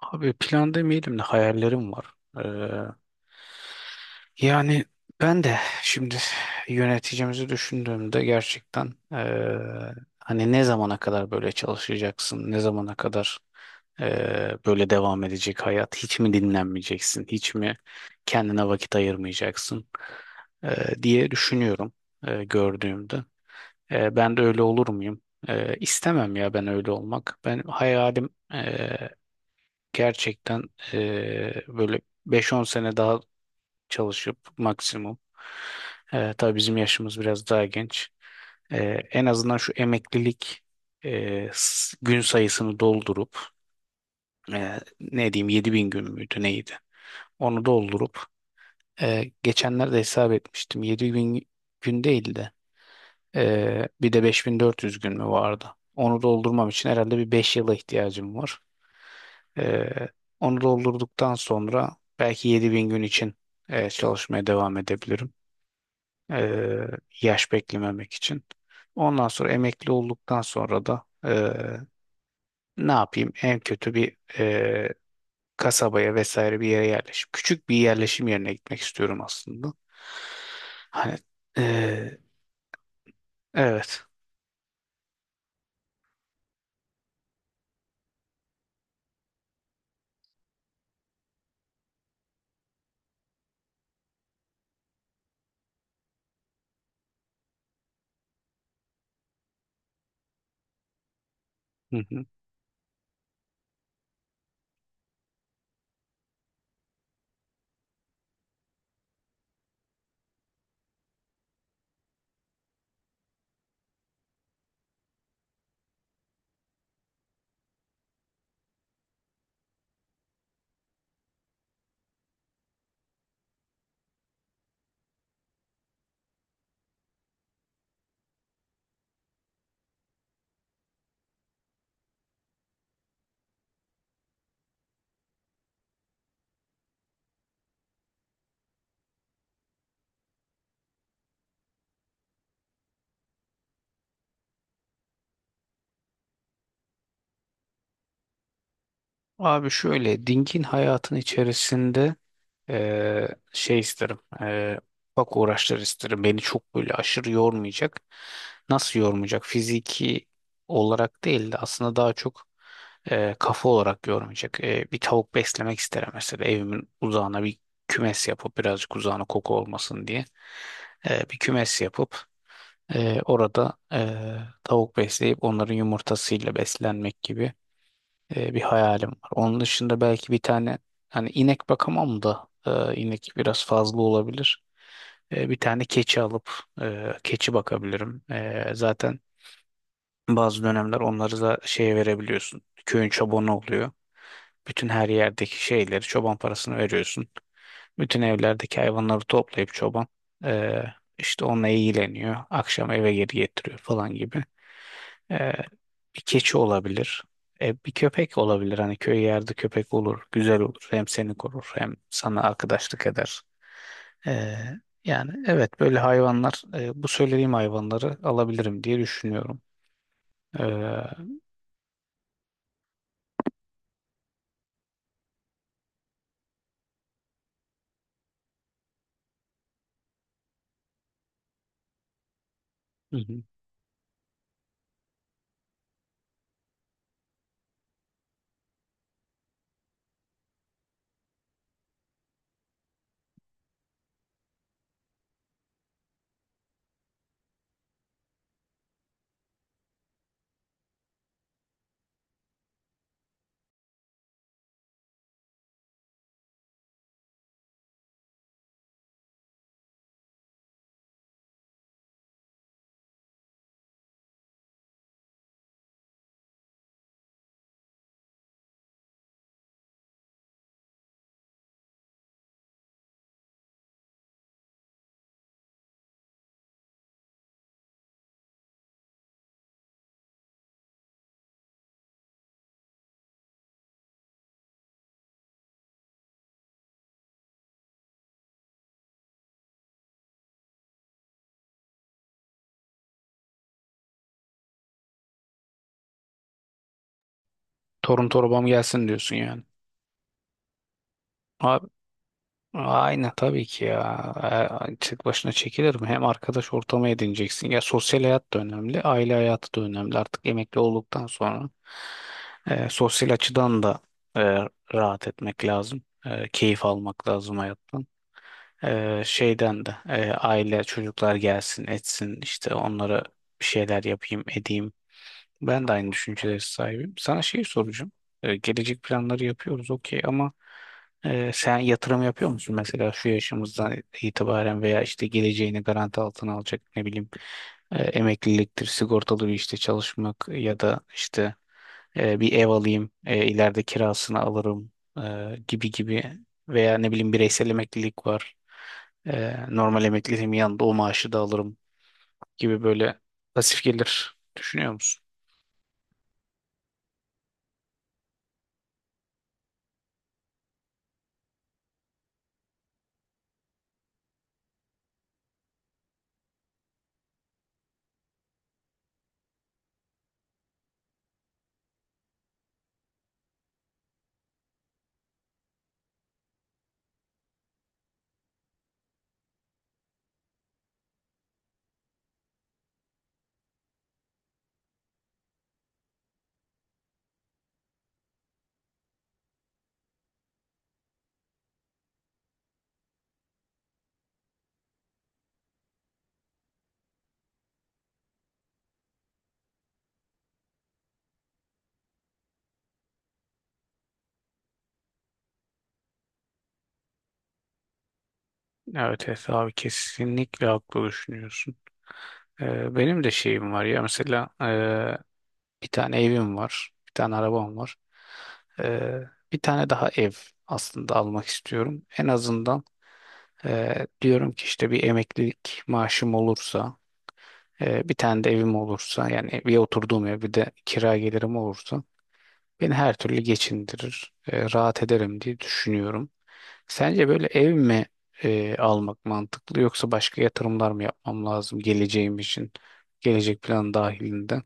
Abi plan demeyelim de hayallerim var. Ee, yani ben de şimdi yöneticimizi düşündüğümde gerçekten hani ne zamana kadar böyle çalışacaksın, ne zamana kadar böyle devam edecek hayat, hiç mi dinlenmeyeceksin, hiç mi kendine vakit ayırmayacaksın diye düşünüyorum gördüğümde. Ben de öyle olur muyum? İstemem ya ben öyle olmak. Ben hayalim gerçekten böyle 5-10 sene daha çalışıp maksimum. Tabii bizim yaşımız biraz daha genç. En azından şu emeklilik gün sayısını doldurup ne diyeyim 7.000 gün müydü neydi? Onu doldurup geçenlerde hesap etmiştim. Yedi bin gün değil de bir de 5.400 gün mü vardı? Onu doldurmam için herhalde bir 5 yıla ihtiyacım var. Ee, Onu doldurduktan sonra belki 7.000 gün için çalışmaya devam edebilirim. Ee, Yaş beklememek için. Ondan sonra emekli olduktan sonra da ne yapayım? En kötü bir kasabaya vesaire bir yere yerleşim. Küçük bir yerleşim yerine gitmek istiyorum aslında. Hani e, evet. Hı hı. Abi şöyle dingin hayatın içerisinde şey isterim. Bak uğraşlar isterim. Beni çok böyle aşırı yormayacak. Nasıl yormayacak? Fiziki olarak değil de aslında daha çok kafa olarak yormayacak. Bir tavuk beslemek isterim mesela. Evimin uzağına bir kümes yapıp birazcık uzağına koku olmasın diye. Bir kümes yapıp orada tavuk besleyip onların yumurtasıyla beslenmek gibi bir hayalim var. Onun dışında belki bir tane hani inek bakamam da inek biraz fazla olabilir. Bir tane keçi alıp keçi bakabilirim. Zaten bazı dönemler onları da şeye verebiliyorsun. Köyün çobanı oluyor. Bütün her yerdeki şeyleri çoban parasını veriyorsun. Bütün evlerdeki hayvanları toplayıp çoban e, işte onunla ilgileniyor. Akşam eve geri getiriyor falan gibi. Ee, Bir keçi olabilir. Bir köpek olabilir. Hani köy yerde köpek olur. Güzel olur. Hem seni korur hem sana arkadaşlık eder. Ee, Yani evet böyle hayvanlar bu söylediğim hayvanları alabilirim diye düşünüyorum. Hı hı. Torun torbam gelsin diyorsun yani. Abi, aynen tabii ki ya. Tek başına çekilir mi? Hem arkadaş ortamı edineceksin. Ya sosyal hayat da önemli, aile hayatı da önemli. Artık emekli olduktan sonra sosyal açıdan da e, rahat etmek lazım. Keyif almak lazım hayattan. Şeyden de aile çocuklar gelsin etsin işte onlara bir şeyler yapayım edeyim ben de aynı düşüncelere sahibim. Sana şey soracağım. Gelecek planları yapıyoruz okey ama sen yatırım yapıyor musun? Mesela şu yaşımızdan itibaren veya işte geleceğini garanti altına alacak ne bileyim emekliliktir, sigortalı bir işte çalışmak ya da işte bir ev alayım, ileride kirasını alırım gibi gibi veya ne bileyim bireysel emeklilik var. Normal emekliliğimin yanında o maaşı da alırım gibi böyle pasif gelir düşünüyor musun? Evet Efe abi kesinlikle haklı düşünüyorsun. Benim de şeyim var ya mesela bir tane evim var, bir tane arabam var. Ee, Bir tane daha ev aslında almak istiyorum. En azından diyorum ki işte bir emeklilik maaşım olursa, bir tane de evim olursa yani bir oturduğum ev bir de kira gelirim olursa beni her türlü geçindirir, rahat ederim diye düşünüyorum. Sence böyle ev mi almak mantıklı yoksa başka yatırımlar mı yapmam lazım geleceğim için? Gelecek planı dahilinde.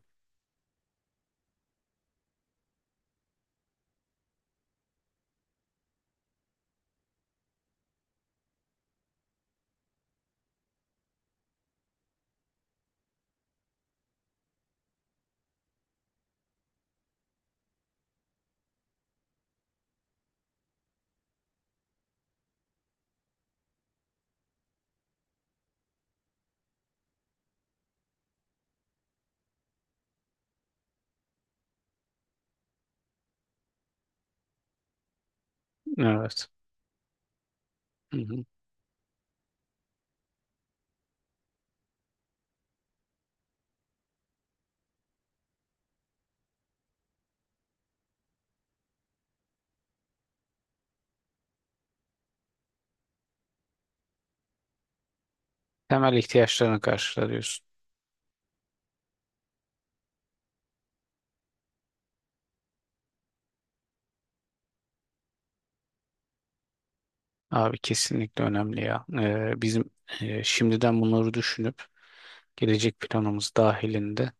Evet. Hı hı. Temel ihtiyaçlarını karşıla diyorsun. Abi kesinlikle önemli ya. Bizim şimdiden bunları düşünüp gelecek planımız dahilinde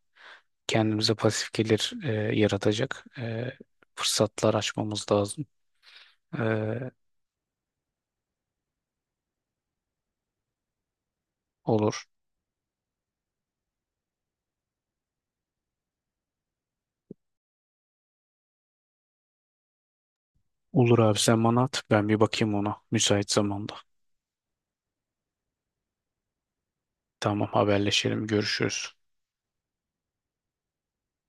kendimize pasif gelir yaratacak fırsatlar açmamız lazım. E, olur. Olur abi sen bana at ben bir bakayım ona müsait zamanda. Tamam haberleşelim görüşürüz.